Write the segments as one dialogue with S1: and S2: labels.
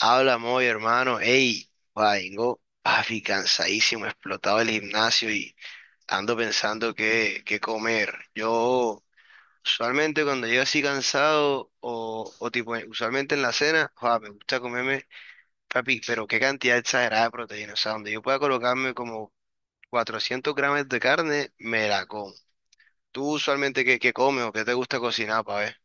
S1: Habla, muy hermano. Ey, vengo, papi, cansadísimo, explotado el gimnasio y ando pensando qué comer. Yo, usualmente cuando llego así cansado o tipo, usualmente en la cena, joa, me gusta comerme, papi, pero qué cantidad exagerada de proteína. O sea, donde yo pueda colocarme como 400 gramos de carne, me la como. ¿Tú usualmente qué comes o qué te gusta cocinar, pa' ver?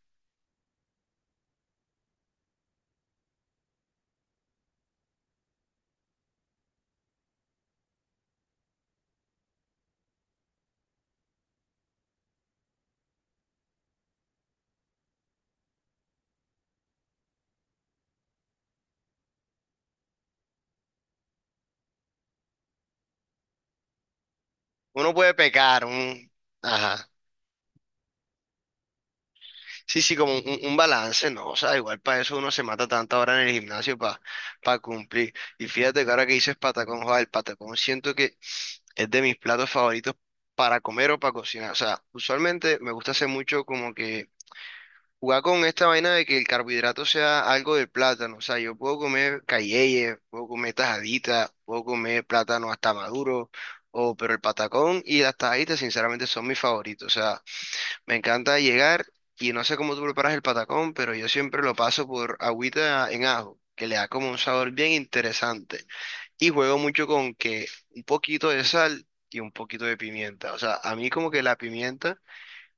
S1: Uno puede pecar, un... Ajá. Sí, sí, como un balance, ¿no? O sea, igual para eso uno se mata tanta hora en el gimnasio para cumplir. Y fíjate que ahora que dices patacón, joder, el patacón siento que es de mis platos favoritos para comer o para cocinar. O sea, usualmente me gusta hacer mucho como que jugar con esta vaina de que el carbohidrato sea algo del plátano. O sea, yo puedo comer cayeye, puedo comer tajadita, puedo comer plátano hasta maduro, o, pero el patacón y las tajaditas sinceramente son mis favoritos. O sea, me encanta llegar y no sé cómo tú preparas el patacón, pero yo siempre lo paso por agüita en ajo, que le da como un sabor bien interesante. Y juego mucho con que un poquito de sal y un poquito de pimienta. O sea, a mí como que la pimienta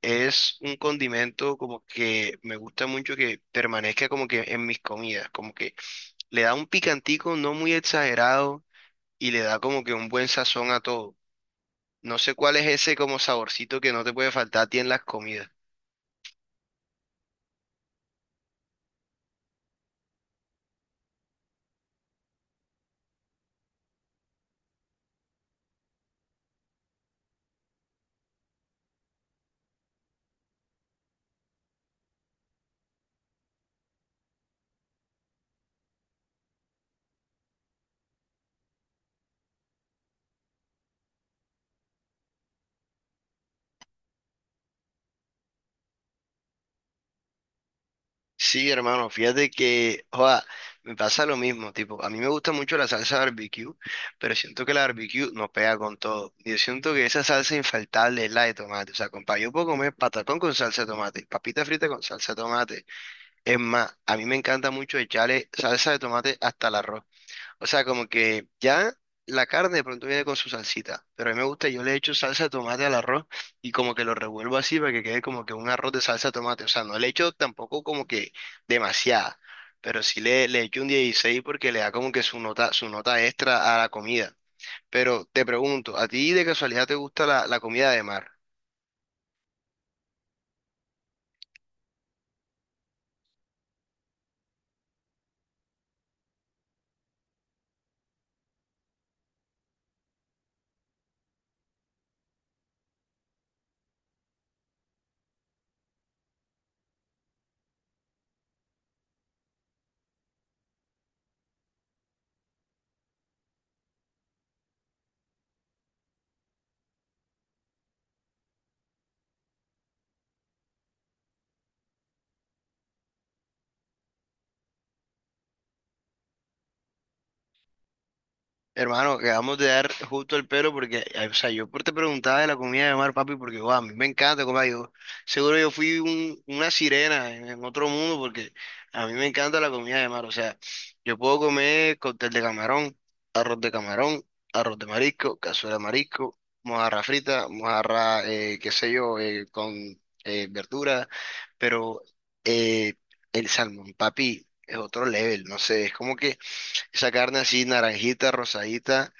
S1: es un condimento como que me gusta mucho que permanezca como que en mis comidas, como que le da un picantico no muy exagerado y le da como que un buen sazón a todo. No sé cuál es ese como saborcito que no te puede faltar a ti en las comidas. Sí, hermano, fíjate que, joda, me pasa lo mismo, tipo, a mí me gusta mucho la salsa barbecue, pero siento que la barbecue no pega con todo. Yo siento que esa salsa infaltable es la de tomate, o sea, compa, yo puedo comer patacón con salsa de tomate, papita frita con salsa de tomate. Es más, a mí me encanta mucho echarle salsa de tomate hasta la arroz. O sea, como que ya la carne de pronto viene con su salsita, pero a mí me gusta, yo le echo salsa de tomate al arroz y como que lo revuelvo así para que quede como que un arroz de salsa de tomate. O sea, no le echo tampoco como que demasiada, pero sí le echo un 16 porque le da como que su nota extra a la comida. Pero te pregunto, ¿a ti de casualidad te gusta la comida de mar? Hermano, acabamos de dar justo el pelo porque, ay, o sea, yo por- te preguntaba de la comida de mar, papi, porque, guau, a mí me encanta comer. Yo, seguro yo fui un- una sirena en otro mundo porque a mí me encanta la comida de mar. O sea, yo puedo comer cóctel de camarón, arroz de camarón, arroz de marisco, cazuela de marisco, mojarra frita, mojarra, qué sé yo, con verdura, pero eh, el salmón, papi, es otro level, no sé, es como que esa carne así naranjita, rosadita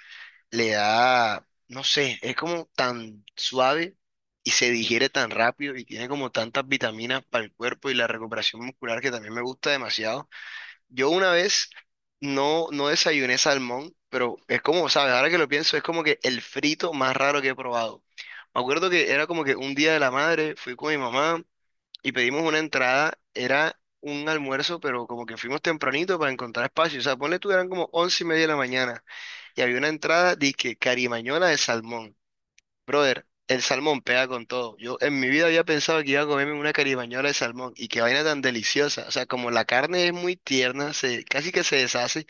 S1: le da, no sé, es como tan suave y se digiere tan rápido y tiene como tantas vitaminas para el cuerpo y la recuperación muscular que también me gusta demasiado. Yo una vez no desayuné salmón, pero es como, ¿sabes? Ahora que lo pienso, es como que el frito más raro que he probado. Me acuerdo que era como que un día de la madre, fui con mi mamá y pedimos una entrada, era un almuerzo, pero como que fuimos tempranito para encontrar espacio. O sea, ponle tú, eran como 11:30 de la mañana. Y había una entrada, que carimañola de salmón. Brother, el salmón pega con todo. Yo en mi vida había pensado que iba a comerme una carimañola de salmón. Y qué vaina tan deliciosa. O sea, como la carne es muy tierna, se, casi que se deshace,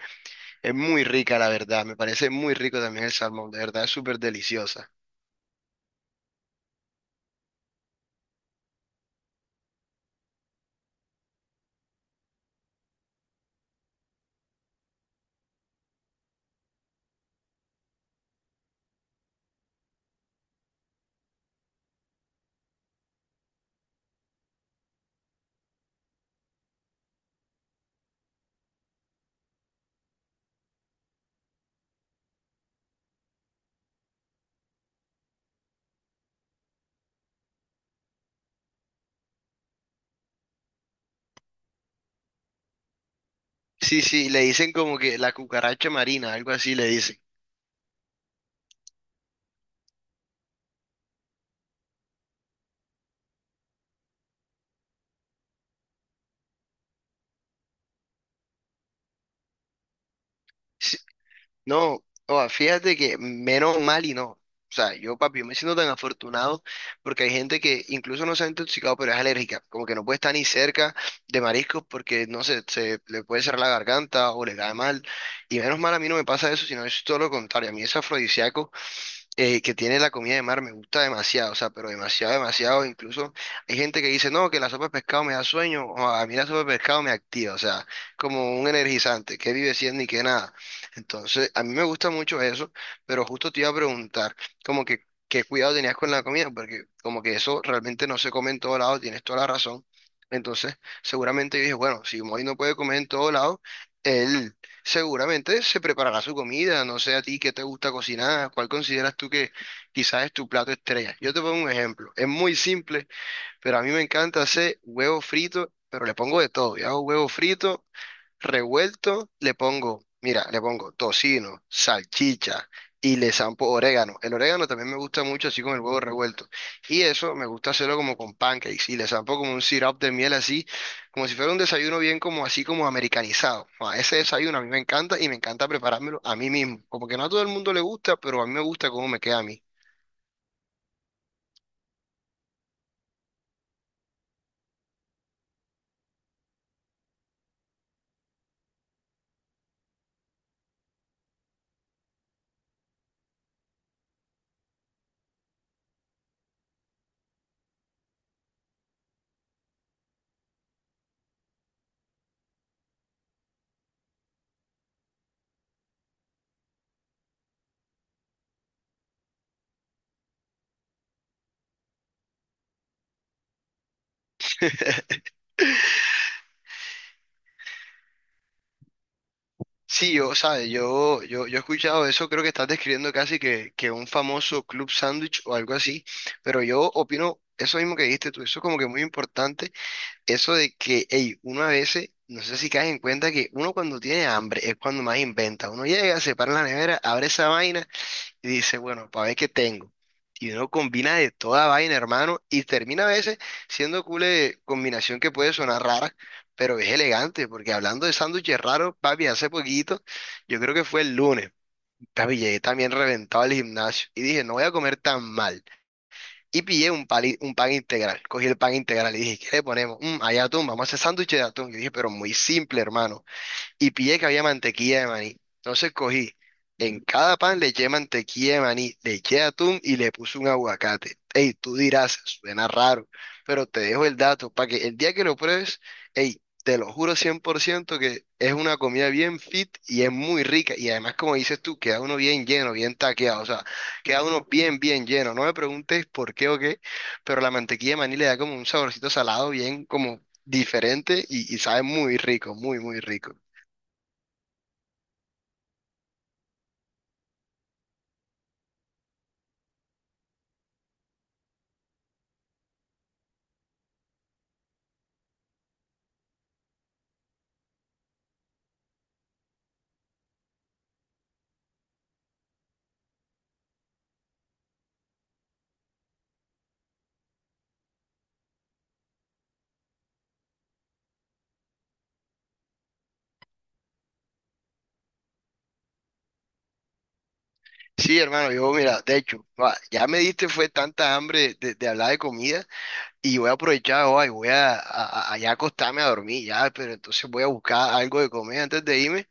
S1: es muy rica, la verdad. Me parece muy rico también el salmón. De verdad, es súper deliciosa. Sí, sí, le dicen como que la cucaracha marina, algo así le dicen. No, o fíjate que menos mal y no. O sea, yo, papi, yo me siento tan afortunado porque hay gente que incluso no se ha intoxicado, pero es alérgica. Como que no puede estar ni cerca de mariscos porque, no sé, se le puede cerrar la garganta o le cae mal. Y menos mal a mí no me pasa eso, sino es todo lo contrario. A mí es afrodisíaco que tiene la comida de mar me gusta demasiado, o sea, pero demasiado, demasiado. Incluso hay gente que dice, no, que la sopa de pescado me da sueño, o a mí la sopa de pescado me activa, o sea, como un energizante, que vive siendo ni que nada. Entonces, a mí me gusta mucho eso, pero justo te iba a preguntar, como que, ¿qué cuidado tenías con la comida? Porque como que eso realmente no se come en todo lado, tienes toda la razón. Entonces, seguramente yo dije, bueno, si Moy no puede comer en todo lado, él... Seguramente se preparará su comida, no sé a ti qué te gusta cocinar, cuál consideras tú que quizás es tu plato estrella. Yo te pongo un ejemplo, es muy simple, pero a mí me encanta hacer huevo frito, pero le pongo de todo. Yo hago huevo frito revuelto, le pongo, mira, le pongo tocino, salchicha y le zampo orégano. El orégano también me gusta mucho así con el huevo revuelto. Y eso me gusta hacerlo como con pancakes y le zampo como un syrup de miel así, como si fuera un desayuno bien como así como americanizado. Ah, ese desayuno a mí me encanta y me encanta preparármelo a mí mismo. Como que no a todo el mundo le gusta, pero a mí me gusta cómo me queda a mí. Sí, yo, ¿sabes? Yo he escuchado eso, creo que estás describiendo casi que un famoso club sándwich o algo así, pero yo opino eso mismo que dijiste tú, eso es como que muy importante, eso de que, hey, uno a veces, no sé si caes en cuenta que uno cuando tiene hambre es cuando más inventa, uno llega, se para en la nevera, abre esa vaina y dice, bueno, para ver qué tengo. Y uno combina de toda vaina, hermano, y termina a veces siendo cool de combinación que puede sonar rara, pero es elegante, porque hablando de sándwiches raros, papi, hace poquito, yo creo que fue el lunes, papi, llegué también reventado al gimnasio y dije, no voy a comer tan mal. Y pillé un, pali- un pan integral, cogí el pan integral y dije, ¿qué le ponemos? Mm, hay atún, vamos a hacer sándwiches de atún. Yo dije, pero muy simple, hermano y pillé que había mantequilla de maní. Entonces cogí, en cada pan le eché mantequilla de maní, le eché atún y le puse un aguacate. Ey, tú dirás, suena raro, pero te dejo el dato para que el día que lo pruebes, ey, te lo juro 100% que es una comida bien fit y es muy rica. Y además, como dices tú, queda uno bien lleno, bien taqueado, o sea, queda uno bien, bien lleno. No me preguntes por qué o qué, pero la mantequilla de maní le da como un saborcito salado bien como diferente y sabe muy rico, muy, muy rico. Sí, hermano, yo mira, de hecho, va, ya me diste fue tanta hambre de hablar de comida y voy a aprovechar hoy, voy ya acostarme a dormir, ya, pero entonces voy a buscar algo de comer antes de irme,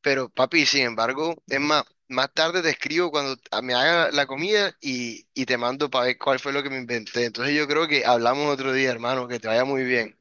S1: pero papi, sin embargo, es más, más tarde te escribo cuando a- me haga la comida y te mando para ver cuál fue lo que me inventé. Entonces yo creo que hablamos otro día, hermano, que te vaya muy bien.